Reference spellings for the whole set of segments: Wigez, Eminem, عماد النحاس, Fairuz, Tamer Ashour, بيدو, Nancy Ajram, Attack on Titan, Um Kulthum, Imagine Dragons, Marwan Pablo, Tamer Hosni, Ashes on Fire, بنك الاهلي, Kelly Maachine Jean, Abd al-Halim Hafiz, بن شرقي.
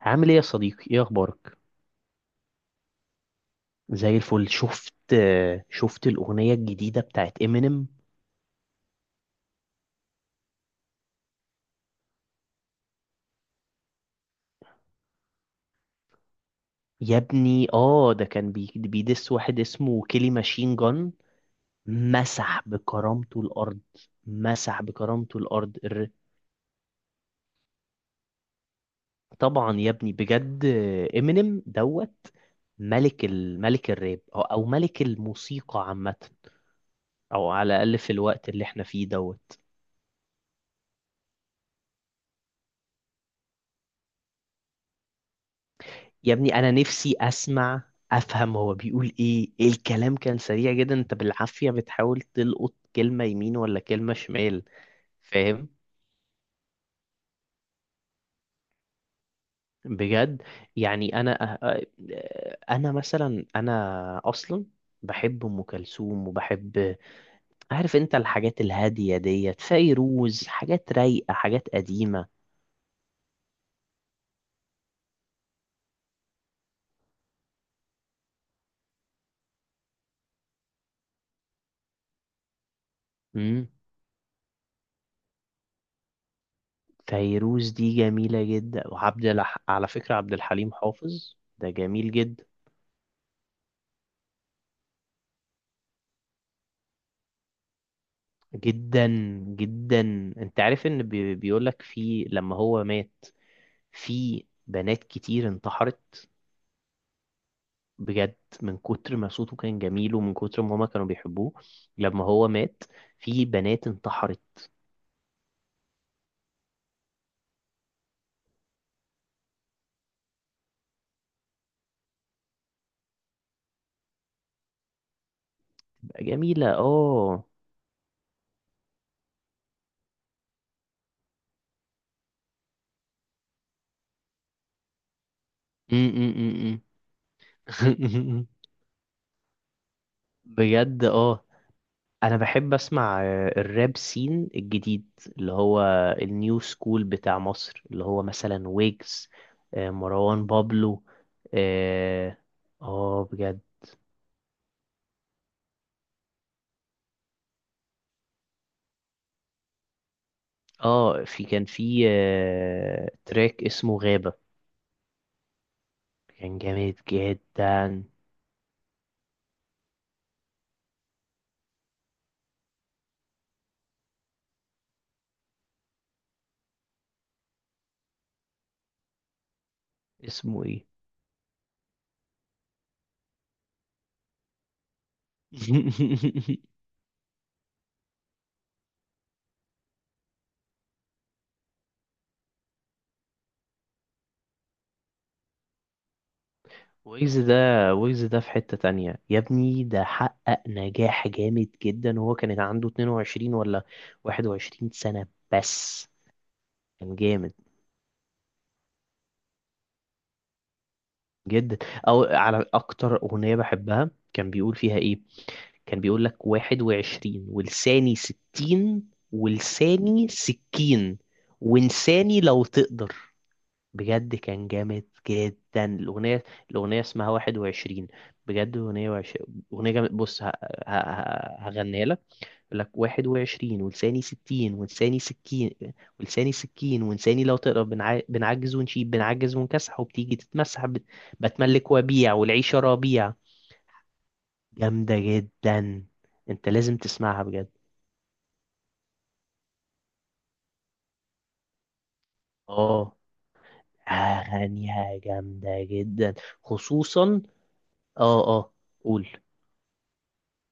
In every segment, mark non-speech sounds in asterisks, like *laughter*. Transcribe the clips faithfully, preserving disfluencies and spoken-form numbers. عامل ايه يا صديقي؟ ايه اخبارك؟ زي الفل. شفت شفت الاغنيه الجديده بتاعت امينيم؟ يا ابني، اه، ده كان بي- بيدس واحد اسمه كيلي ماشين جان. مسح بكرامته الارض. مسح بكرامته الارض الر- طبعا يا ابني، بجد. امينيم دوت. ملك ال- ملك الراب او او ملك الموسيقى عامه. او على الاقل في الوقت اللي احنا فيه دوت. يا ابني، انا نفسي اسمع، افهم هو بيقول ايه. إيه، الكلام كان سريع جدا، انت بالعافية بتحاول تلقط كلمة يمين ولا كلمة شمال. فاهم. بجد. يعني انا أه- أه- انا مثلا انا اصلا بحب ام كلثوم وبحب، عارف انت الحاجات الهادية ديت، فيروز، حاجات رايقة، حاجات قديمة. امم. فيروز دي جميلة جدا. وعبد الح... على فكرة، عبد الحليم حافظ ده جميل جدا. جدا، جدا. انت عارف ان بي- بيقولك في، لما هو مات، في بنات كتير انتحرت. بجد، من كتر ما صوته كان جميل ومن كتر ما هما كانوا بيحبوه، لما هو مات في بنات انتحرت. جميلة، اه. م- م- م- م. *laughs* بجد، اه. انا بحب اسمع آه، الراب سين الجديد، اللي هو النيو سكول بتاع مصر، اللي هو مثلا ويجز، آه، مروان بابلو. اه، آه، بجد، اه. في كان في آه، تراك اسمه غابة. كان جامد جدا. اسمه ايه؟ *laughs* ويجز ده، ويجز ده في حتة تانية يا ابني. ده حقق نجاح جامد جدا، وهو كان عنده اتنين وعشرين ولا واحد وعشرين سنة بس. كان جامد جدا. او على اكتر اغنيه بحبها كان بيقول فيها ايه؟ كان بيقول لك: واحد وعشرين، ولساني ستين، ولساني سكين، وانساني لو تقدر. بجد كان جامد جدا الاغنيه. الاغنيه اسمها واحد وعشرين. بجد اغنيه وعش... اغنيه جامد. بص ه... ه... ه- هغنيها لك. يقول لك: واحد وعشرين، ولساني ستين، ولساني سكين، ولساني سكين، ولساني لو تقرا. بنع... بنعجز ونشيب، بنعجز ونكسح، وبتيجي تتمسح بت... بتملك وبيع، والعيشة ربيع. جامدة جدا. انت لازم تسمعها بجد. اه، اغانيها جامدة جدا. خصوصا، اه، اه، قول.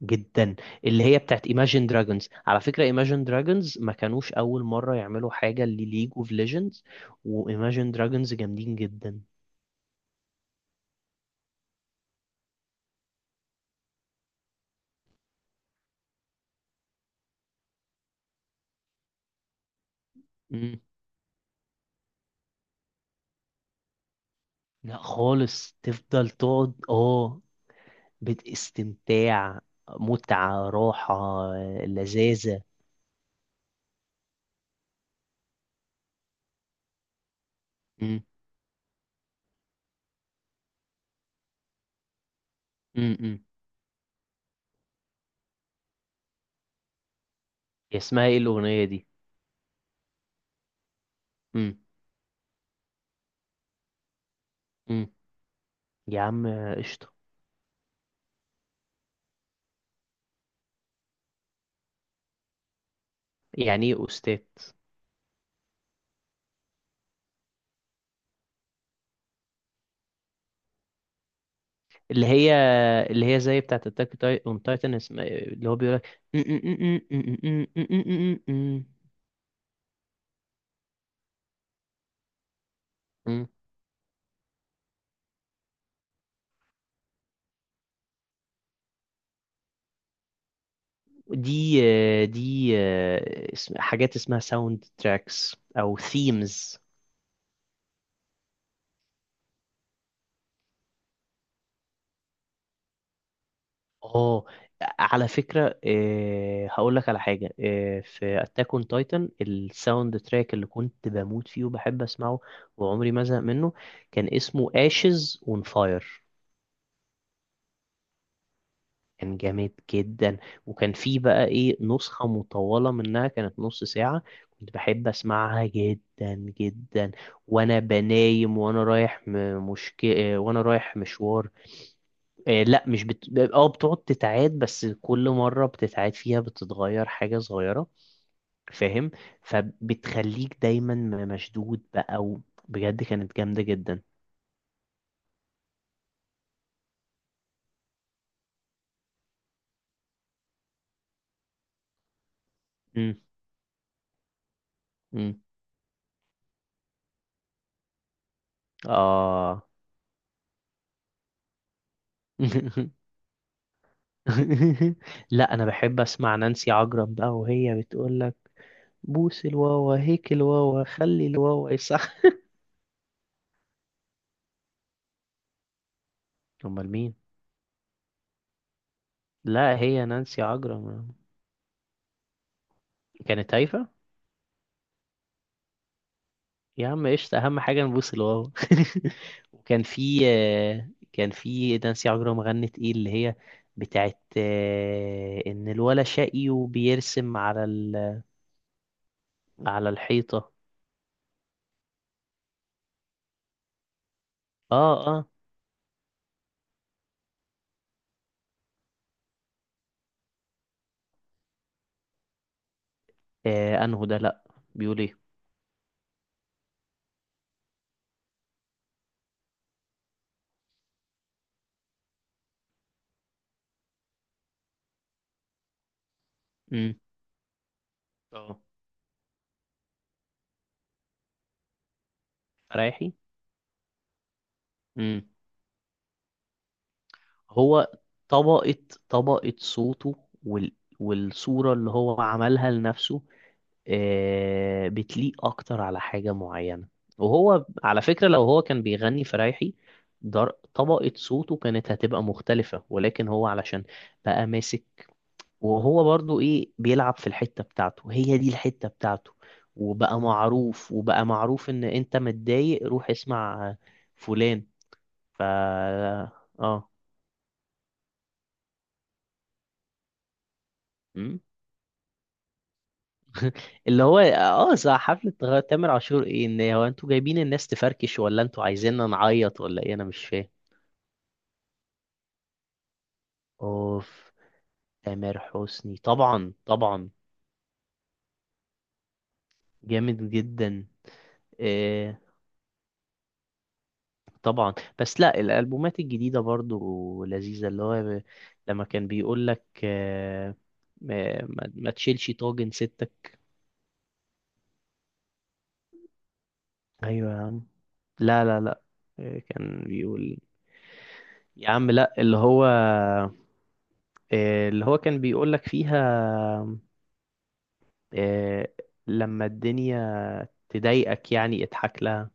جدا. اللي هي بتاعت Imagine Dragons. على فكرة، Imagine Dragons ما كانوش أول مرة يعملوا حاجة لليج اوف ليجندز. و Imagine Dragons جامدين جدا. لا خالص، تفضل تقعد، اه، باستمتاع، متعة، راحة، لذاذة. مم. مم. مم. هي اسمها ايه الأغنية دي؟ مم. مم. يا عم، قشطة. يعني ايه أستاذ؟ اللي هي اللي هي زي بتاعة أتاك أون تايتن، اسمها إيه؟ اللي هو بيقولك. مم. دي دي آه، اسم حاجات اسمها ساوند تراكس أو ثيمز. اه، على فكرة، إيه هقول لك على حاجة. إيه، في اتاك اون تايتن الساوند تراك اللي كنت بموت فيه وبحب اسمعه وعمري ما ازهق منه، كان اسمه ashes on fire. كان جامد جدا. وكان فيه بقى ايه، نسخة مطولة منها كانت نص ساعة. كنت بحب اسمعها جدا. جدا، وانا بنايم وانا رايح م- مشك... آه، وانا رايح مشوار. آه، لا مش بت... اه، بتقعد تتعاد، بس كل مرة بتتعاد فيها بتتغير حاجة صغيرة. فاهم. فبتخليك دايما م- مشدود بقى و... بجد كانت جامدة جدا. مم. مم. اه. *laughs* لا، انا بحب اسمع نانسي عجرم بقى، وهي بتقول لك: بوس الواوا، هيك الواوا، خلي الواوا يصح. *laughs* امال مين؟ لا، هي نانسي عجرم. كانت هايفة يا عم. قشطة، أهم حاجة نبوس الواو. *laughs* وكان في آه، كان في نانسي عجرم غنت ايه اللي هي بتاعت آه، إن الولا شقي وبيرسم على ال... على الحيطة. اه اه, آه أنهو ده؟ لأ. بيقول ايه؟ امم. اه، انهو؟ رايحي. امم. هو طبقة طبقة صوته، وال... والصورة اللي هو عملها لنفسه. آه، بتليق اكتر على حاجة معينة. وهو على فكرة لو هو كان بيغني فرايحي، در- طبقة صوته كانت هتبقى مختلفة، ولكن هو علشان بقى ماسك، وهو برضو ايه بيلعب في الحتة بتاعته. هي دي الحتة بتاعته. وبقى معروف، وبقى معروف ان انت متضايق روح اسمع فلان. ف اه، م؟ اللي هو، اه صح، حفلة تامر عاشور ايه؟ ان هو انتوا جايبين الناس تفركش ولا انتوا عايزيننا نعيط ولا ايه؟ انا مش فاهم. اوف. تامر حسني طبعا، طبعا. جامد جدا. إيه، طبعا. بس لا، الالبومات الجديده برضو لذيذه، اللي هو ب- لما كان بيقول لك آه، ما, ما ما تشيلش طاجن ستك. ايوه يا عم. لا، لا، لا. إيه كان بيقول؟ يا عم لا، اللي هو إيه اللي هو كان بيقول لك فيها إيه، لما الدنيا تضايقك يعني اضحك لها.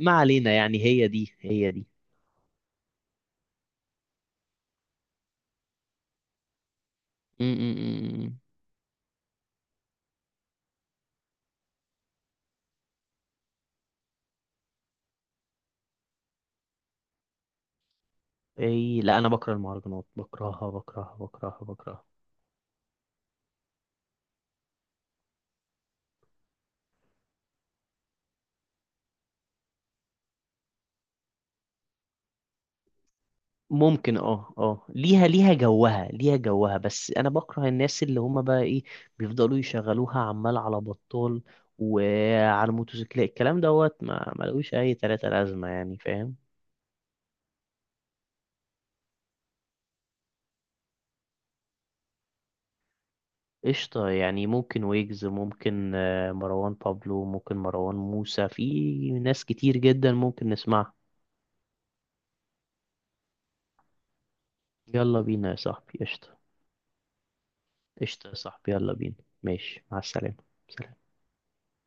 ما علينا، يعني هي دي، هي دي. امم. اي، لا، انا بكره المهرجانات، بكرهها بكرهها بكرهها بكرهها. ممكن، اه، اه، ليها، ليها جوها، ليها جوها، بس انا بكره الناس اللي هما بقى ايه، بيفضلوا يشغلوها عمال على بطال، وعلى الموتوسيكلات الكلام دوت. ما ملقوش اي تلاتة لازمة، يعني، فاهم. قشطة، يعني ممكن ويجز، ممكن آه، مروان بابلو، ممكن مروان موسى. في ناس كتير جدا ممكن نسمعها. يلا بينا يا صاحبي، قشطة. قشطة يا صاحبي، يلا بينا. ماشي، مع السلامة. سلام.